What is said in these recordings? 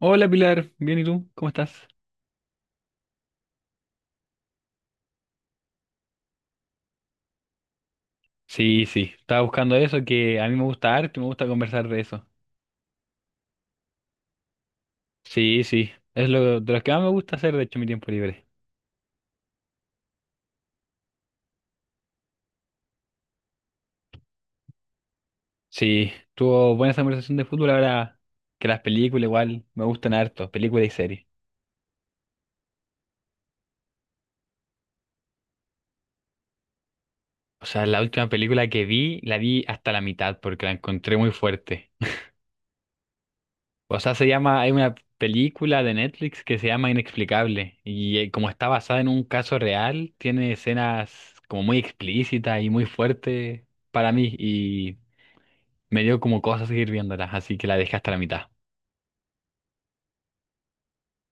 Hola Pilar, bien y tú, ¿cómo estás? Sí, sí, estaba buscando eso, que a mí me gusta arte, me gusta conversar de eso. Sí, sí, es lo de los que más me gusta hacer, de hecho, en mi tiempo libre. Sí, tuvo buena esa conversación de fútbol, ahora que las películas igual me gustan harto, películas y series. O sea, la última película que vi, la vi hasta la mitad porque la encontré muy fuerte. O sea, se llama, hay una película de Netflix que se llama Inexplicable y como está basada en un caso real, tiene escenas como muy explícitas y muy fuertes para mí y me dio como cosas seguir viéndolas, así que la dejé hasta la mitad.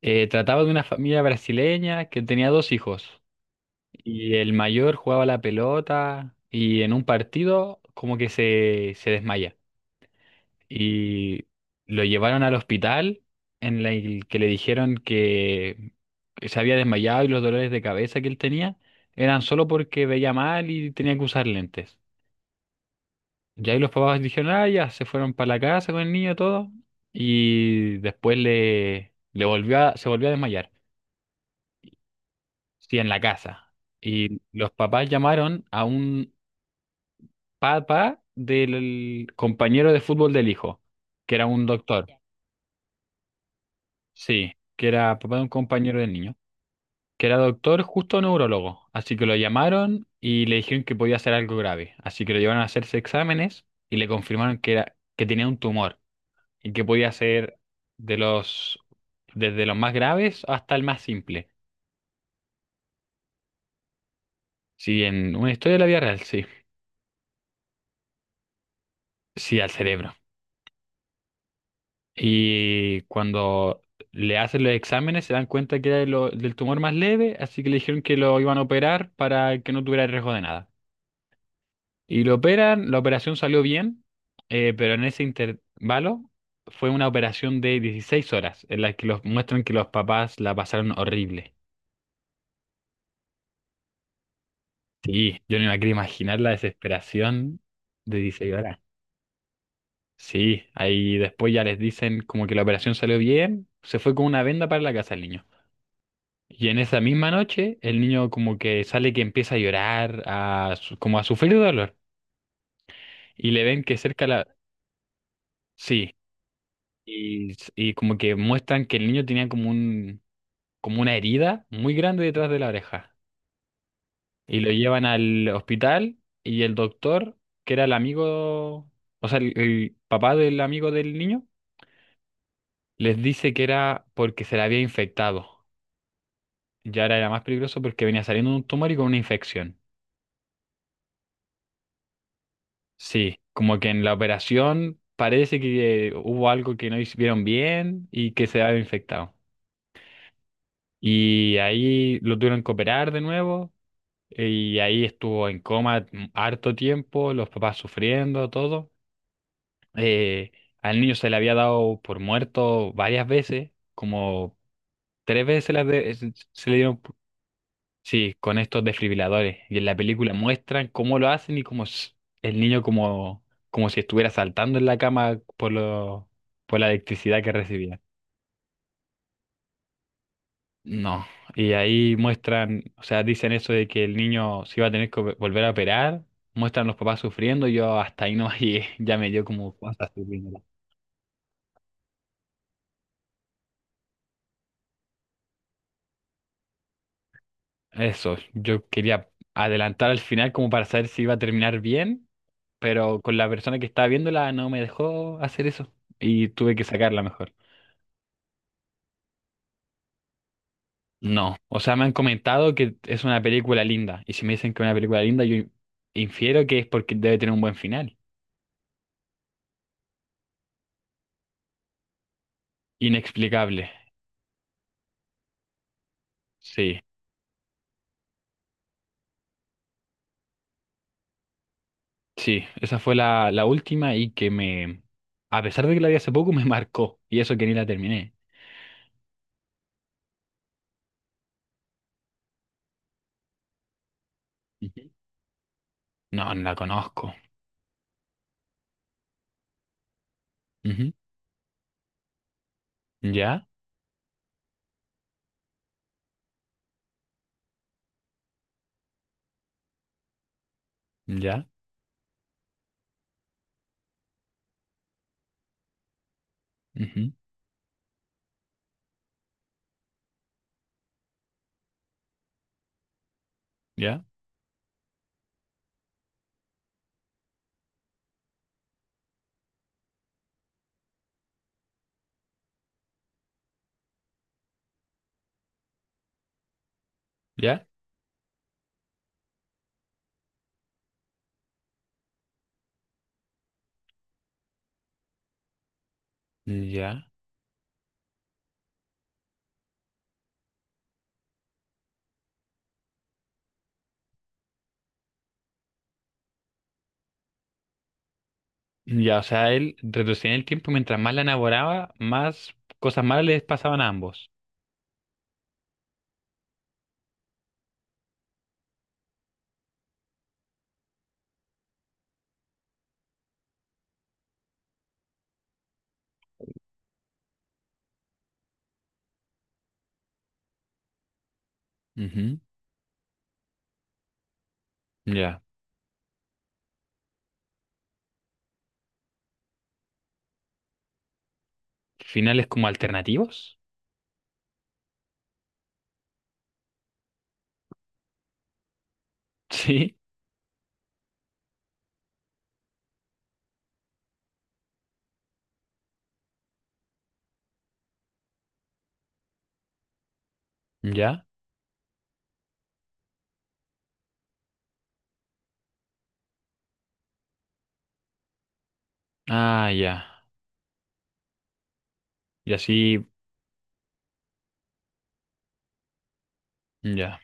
Trataba de una familia brasileña que tenía dos hijos y el mayor jugaba la pelota y en un partido como que se desmaya. Y lo llevaron al hospital en la el que le dijeron que se había desmayado y los dolores de cabeza que él tenía eran solo porque veía mal y tenía que usar lentes. Y ahí los papás dijeron, ah, ya, se fueron para la casa con el niño todo y después se volvió a desmayar, sí, en la casa. Y los papás llamaron a un papá del compañero de fútbol del hijo, que era un doctor, sí, que era papá de un compañero del niño, que era doctor, justo neurólogo. Así que lo llamaron y le dijeron que podía ser algo grave. Así que lo llevaron a hacerse exámenes y le confirmaron que era, que tenía un tumor y que podía ser de los, desde los más graves hasta el más simple. Sí, en una historia de la vida real, sí. Sí, al cerebro. Y cuando le hacen los exámenes se dan cuenta que era del tumor más leve, así que le dijeron que lo iban a operar para que no tuviera riesgo de nada. Y lo operan, la operación salió bien, pero en ese intervalo fue una operación de 16 horas, en la que los muestran que los papás la pasaron horrible. Sí, yo no me quiero imaginar la desesperación de 16 horas. Sí, ahí después ya les dicen como que la operación salió bien, se fue con una venda para la casa el niño. Y en esa misma noche el niño como que sale que empieza a llorar, como a sufrir dolor. Y le ven que cerca la. Sí. Y como que muestran que el niño tenía como una herida muy grande detrás de la oreja. Y lo llevan al hospital y el doctor, que era el amigo, o sea, el papá del amigo del niño, les dice que era porque se le había infectado. Y ahora era más peligroso porque venía saliendo de un tumor y con una infección. Sí, como que en la operación parece que hubo algo que no hicieron bien y que se había infectado. Y ahí lo tuvieron que operar de nuevo. Y ahí estuvo en coma harto tiempo, los papás sufriendo, todo. Eh, Al niño se le había dado por muerto varias veces, como tres veces se le dieron, sí, con estos desfibriladores. Y en la película muestran cómo lo hacen y el niño, como si estuviera saltando en la cama por la electricidad que recibía. No, y ahí muestran, o sea, dicen eso de que el niño se iba a tener que volver a operar, muestran los papás sufriendo, y yo hasta ahí no llegué, ya me dio como cosas sufriendo. Eso, yo quería adelantar al final como para saber si iba a terminar bien, pero con la persona que estaba viéndola no me dejó hacer eso y tuve que sacarla mejor. No, o sea, me han comentado que es una película linda, y si me dicen que es una película linda, yo infiero que es porque debe tener un buen final. Inexplicable, sí. Sí, esa fue la última y que me, a pesar de que la vi hace poco, me marcó. Y eso que ni la terminé. Ujú. No, no la conozco. Ujú. Ya, ya, ujú. Ya, ya, ya. Ya, o sea, él retrocedía en el tiempo mientras más la enamoraba, más cosas malas les pasaban a ambos. Ujú. Ya. Finales como alternativos. Sí, ya. Ah, ya. Y así, ya.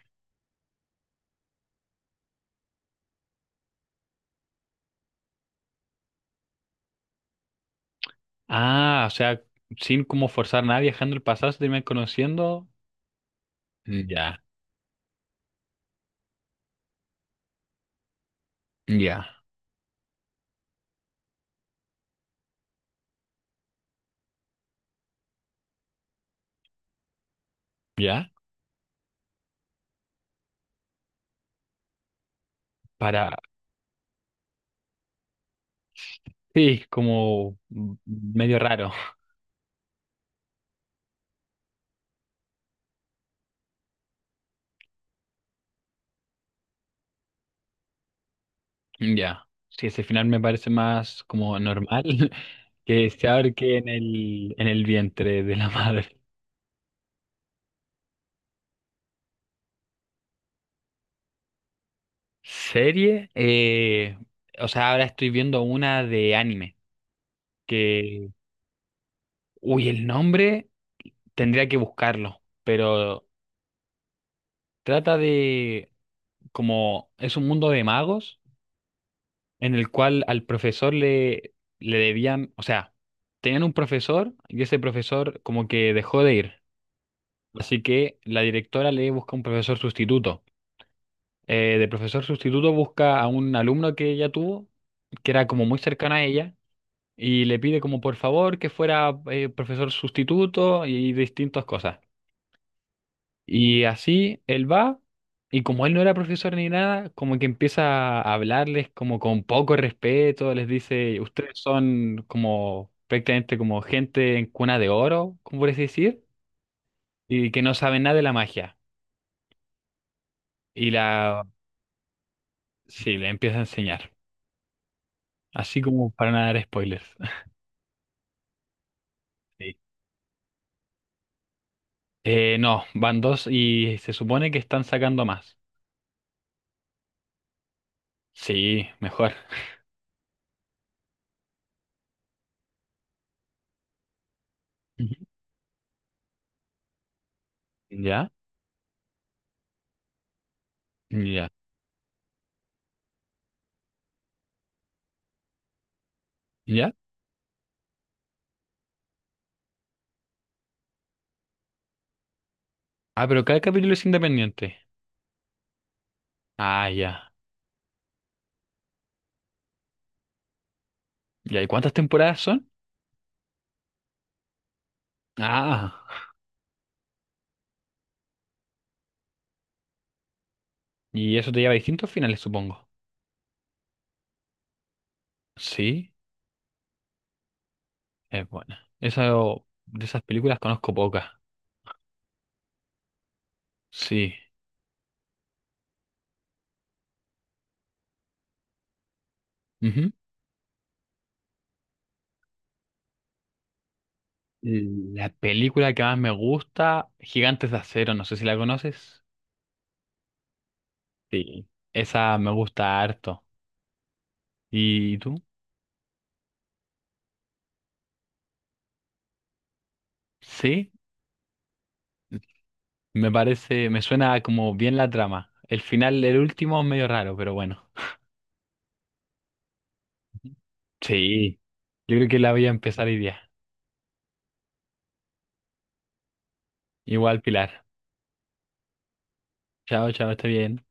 Ah, o sea, sin como forzar nada, viajando al pasado, se terminan conociendo. Ya, ya, ya. Para, sí, como medio raro. Ya. Sí, ese final me parece más como normal que se ahorque en el vientre de la madre. Serie, o sea, ahora estoy viendo una de anime que, uy, el nombre tendría que buscarlo, pero trata de como es un mundo de magos en el cual al profesor le debían, o sea, tenían un profesor y ese profesor como que dejó de ir. Así que la directora le busca un profesor sustituto. De profesor sustituto busca a un alumno que ella tuvo, que era como muy cercano a ella, y le pide como por favor que fuera profesor sustituto y distintas cosas. Y así él va, y como él no era profesor ni nada, como que empieza a hablarles como con poco respeto, les dice, ustedes son como prácticamente como gente en cuna de oro, como por así decir, y que no saben nada de la magia. Y la, sí, le empieza a enseñar, así como para no dar spoilers. Sí. No, van dos y se supone que están sacando más. Sí, mejor. Ujú. ¿Ya? ¿Ya? ¿Ya? Ah, pero cada capítulo es independiente. Ah, ya. ¿Y ahí cuántas temporadas son? Ah, y eso te lleva a distintos finales, supongo. Sí, es buena. Esa, de esas películas conozco pocas. Sí. Ujú. La película que más me gusta, Gigantes de Acero, no sé si la conoces. Sí. Esa me gusta harto. ¿Y tú? Sí, me parece, me suena como bien la trama. El final, el último, es medio raro, pero bueno. Ujú. Sí, yo creo que la voy a empezar hoy día. Igual, Pilar. Chao, chao, está bien.